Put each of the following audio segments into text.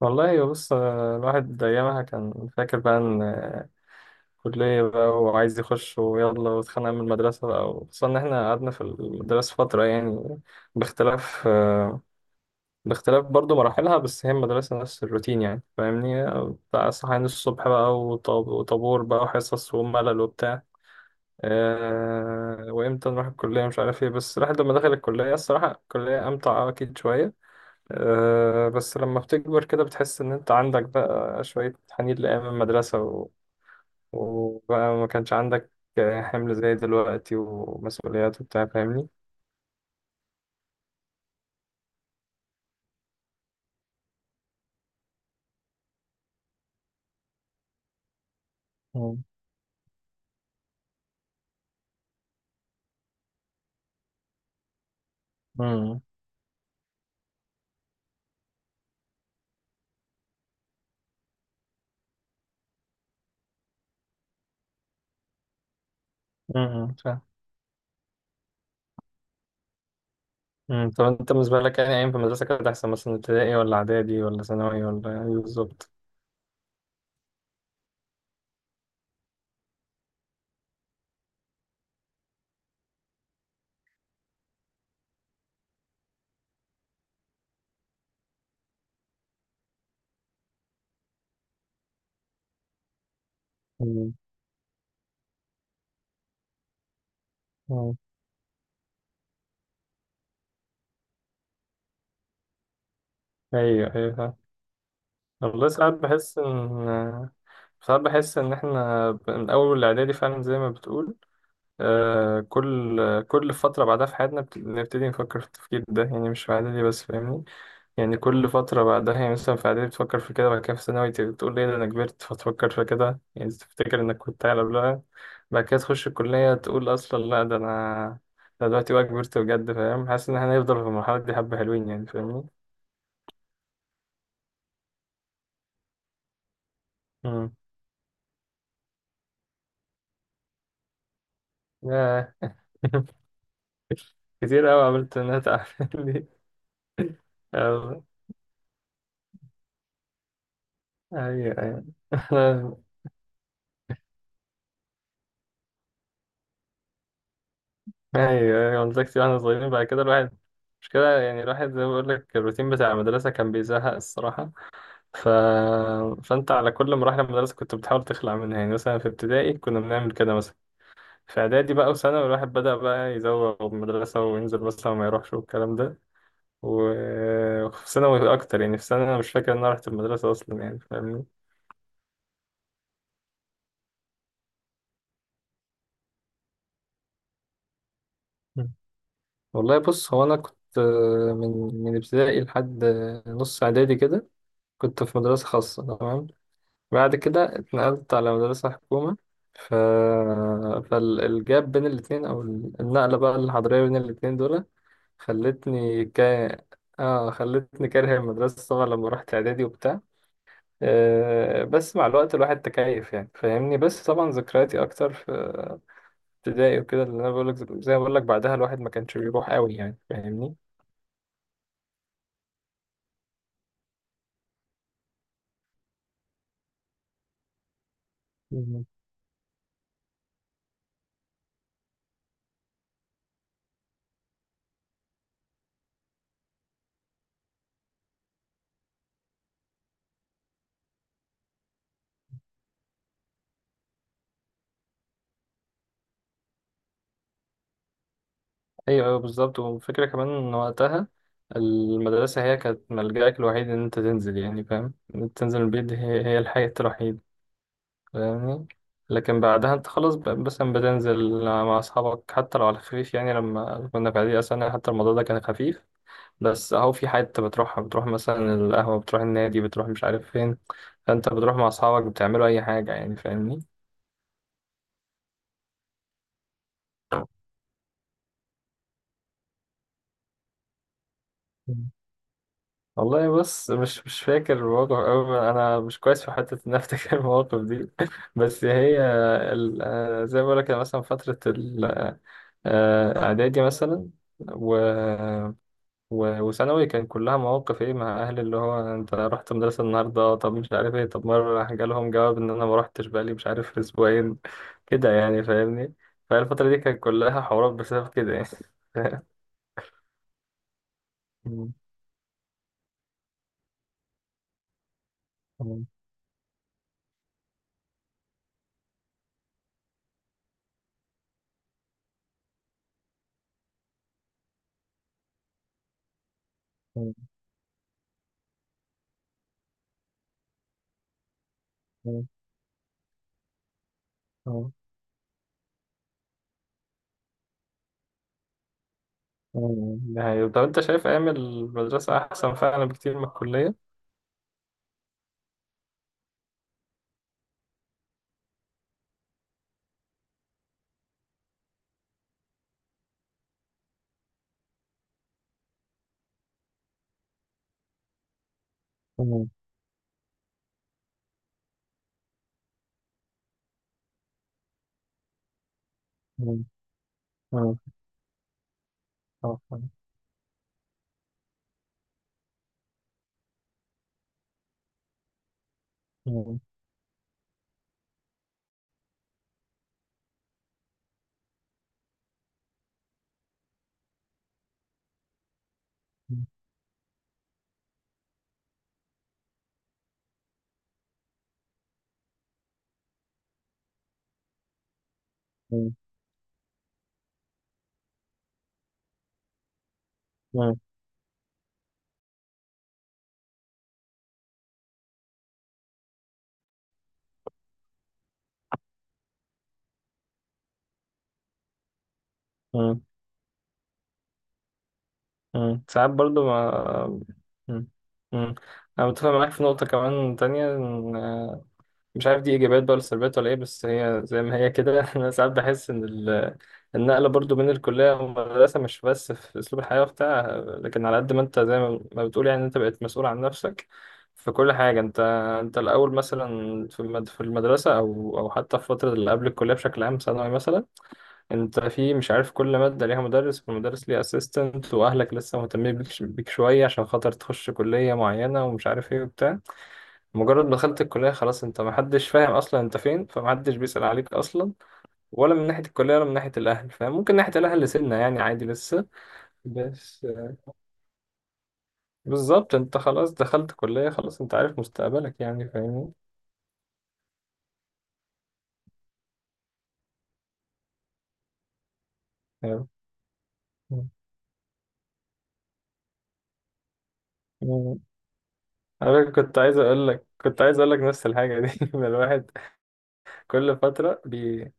والله بص، الواحد أيامها كان فاكر بقى إن كلية بقى وعايز يخش ويلا واتخانق من المدرسة بقى، وخصوصا إن إحنا قعدنا في المدرسة فترة يعني باختلاف آه، باختلاف برضو مراحلها، بس هي المدرسة نفس الروتين يعني فاهمني. بتاع صحيان الصبح بقى وطابور بقى وحصص وملل وبتاع. وإمتى نروح الكلية مش عارف إيه، بس الواحد لما دخل الكلية الصراحة الكلية أمتع أكيد شوية. بس لما بتكبر كده بتحس إن أنت عندك بقى شوية حنين لأيام المدرسة، وبقى ما كانش عندك حمل زي دلوقتي ومسؤوليات وبتاع فاهمني؟ مم. امم، امم، فاهم. مم. طب أنت بالنسبة لك يعني أيام في المدرسة كانت أحسن، مثلا ابتدائي ولا إعدادي ولا ثانوي ولا إيه بالظبط؟ مم. مم. أيوه، أيوه، فاهم. والله، ساعات بحس إن، إحنا من أول الإعدادي فعلا زي ما بتقول. آه كل كل فترة بعدها في حياتنا بنبتدي نفكر في التفكير ده، يعني مش في إعدادي بس فاهمني. يعني كل فترة بعدها، يعني مثلا في إعدادي بتفكر في كده، بعد كده في ثانوي تقول إيه ده أنا كبرت، فتفكر في كده يعني تفتكر إنك كنت أعلى قبلها. بعد كده تخش الكلية تقول أصلا لا ده أنا، ده دلوقتي بقى كبرت بجد فاهم، حاسس إن إحنا هنفضل في المرحلة دي حبة حلوين يعني فاهمني. مم. ياه. كتير أوي عملت إنها تعمل لي. أيوه، أيوه. يعني مدرستي واحنا صغيرين، بعد كده الواحد مش كده يعني، الواحد زي ما بقول لك الروتين بتاع المدرسة كان بيزهق الصراحة. ف... فأنت على كل مراحل المدرسة كنت بتحاول تخلع منها، يعني مثلا في ابتدائي كنا بنعمل كده مثلا. في إعدادي بقى وثانوي الواحد بدأ بقى يزوغ من المدرسة وينزل مثلا وما يروحش والكلام ده. وفي ثانوي أكتر، يعني في ثانوي أنا مش فاكر إن أنا رحت المدرسة أصلا يعني فاهمني. مم. والله بص، هو أنا كنت من ابتدائي لحد نص إعدادي كده كنت في مدرسة خاصة، تمام. بعد كده اتنقلت على مدرسة حكومة. ف... فالجاب بين الاتنين، أو النقلة بقى الحضرية بين الاتنين دول خلتني ك... آه خلتني كاره المدرسة طبعا لما رحت إعدادي وبتاع. آه بس مع الوقت الواحد تكيف يعني فاهمني، بس طبعا ذكرياتي أكتر في ابتدائي وكده اللي أنا بقولك. زي ما بقولك بعدها الواحد ما كانش بيروح قوي يعني فاهمني. ايوه، ايوه بالظبط. والفكره كمان ان وقتها المدرسه هي كانت ملجأك الوحيد ان انت تنزل، يعني فاهم إن انت تنزل من البيت، دي هي هي الحياه الوحيده فاهمني. لكن بعدها انت خلاص بس بتنزل مع اصحابك حتى لو على خفيف، يعني لما كنا في اعدادي اصلا حتى الموضوع ده كان خفيف. بس اهو في حته بتروحها، بتروح مثلا القهوه، بتروح النادي، بتروح مش عارف فين. فانت بتروح مع اصحابك بتعملوا اي حاجه يعني فاهمني. والله بص مش فاكر المواقف أوي، أنا مش كويس في حتة إن أنا أفتكر المواقف دي. بس هي زي ما بقولك أنا مثلا فترة الإعدادي مثلا و... وثانوي كان كلها مواقف إيه مع أهلي، اللي هو أنت رحت المدرسة النهاردة طب مش عارف إيه، طب مرة راح جالهم جواب إن أنا ما روحتش بقالي مش عارف أسبوعين كده يعني فاهمني. فالفترة دي كانت كلها حوارات بسبب كده يعني. فاهم؟ مم. ده حقيقي. طب أنت شايف أيام المدرسة أحسن فعلا بكتير من الكلية؟ مم. مم. مم. آه. مم. مم. مم. مم. مم. ساعات برضو ما. مم. مم. أنا متفق معاك في نقطة كمان تانية، إن مش عارف دي ايجابيات بقى ولا سلبيات ولا ايه، بس هي زي ما هي كده. انا ساعات بحس ان النقله برضو بين الكليه والمدرسه مش بس في اسلوب الحياه وبتاع، لكن على قد ما انت زي ما بتقول يعني انت بقيت مسؤول عن نفسك في كل حاجه. انت الاول مثلا في في المدرسه، او حتى في فتره اللي قبل الكليه بشكل عام، ثانوي مثلا، انت في مش عارف كل ماده ليها مدرس، والمدرس ليه اسيستنت، واهلك لسه مهتمين بيك شويه عشان خاطر تخش كليه معينه ومش عارف ايه وبتاع. مجرد ما دخلت الكلية خلاص انت محدش فاهم اصلا انت فين، فمحدش بيسأل عليك اصلا، ولا من ناحية الكلية ولا من ناحية الاهل. فاهم، ممكن ناحية الاهل سنة يعني عادي لسه، بس بالظبط انت خلاص دخلت كلية خلاص انت عارف مستقبلك يعني فاهمني. يعني- مم. انا كنت عايز اقول لك، نفس الحاجة دي. إن الواحد كل فترة بي...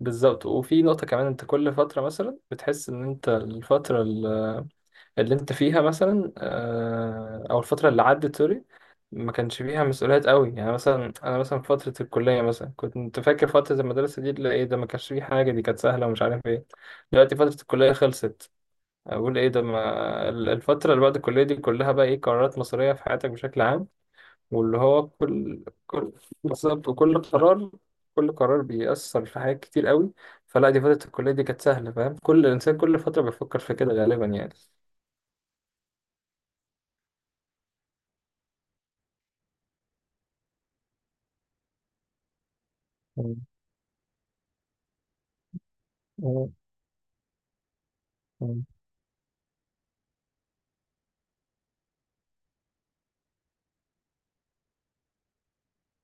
بالظبط. وفي نقطة كمان انت كل فترة مثلا بتحس ان انت الفترة اللي انت فيها مثلا، او الفتره اللي عدت سوري ما كانش فيها مسؤوليات قوي، يعني مثلا انا مثلا في فتره الكليه مثلا كنت فاكر فتره المدرسه دي اللي ايه ده، ما كانش فيه حاجه، دي كانت سهله ومش عارف ايه. دلوقتي فتره الكليه خلصت، اقول ايه ده، ما ال- الفتره اللي بعد الكليه دي كلها بقى ايه، قرارات مصيريه في حياتك بشكل عام. واللي هو كل بالظبط. وكل قرار كل قرار بيأثر في حاجات كتير قوي. فلا دي فتره الكليه دي كانت سهله فاهم، كل انسان كل فتره بيفكر في كده غالبا يعني. مم. مم.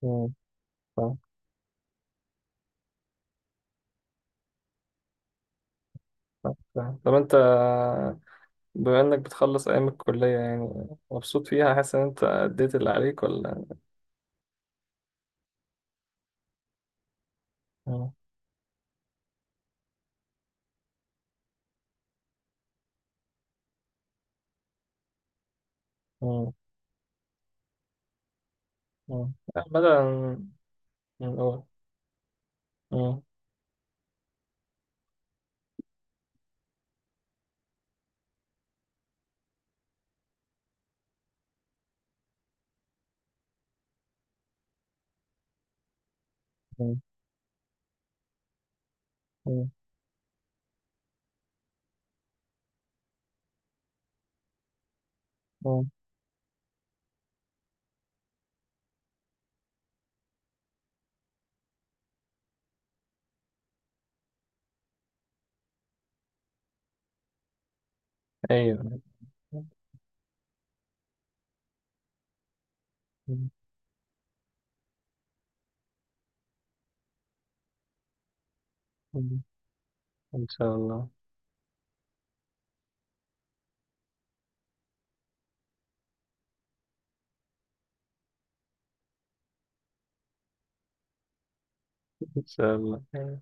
مم. فاهم، فاهم، فاهم. طب انت، بما انك بتخلص ايام الكلية، يعني مبسوط فيها، حاسس ان انت اديت اللي عليك ولا؟ مم. مم. مم. لا، بدأ من الاول. مم. مم. مم. مم. ايوه. مم. مم. ان شاء الله، ان شاء الله.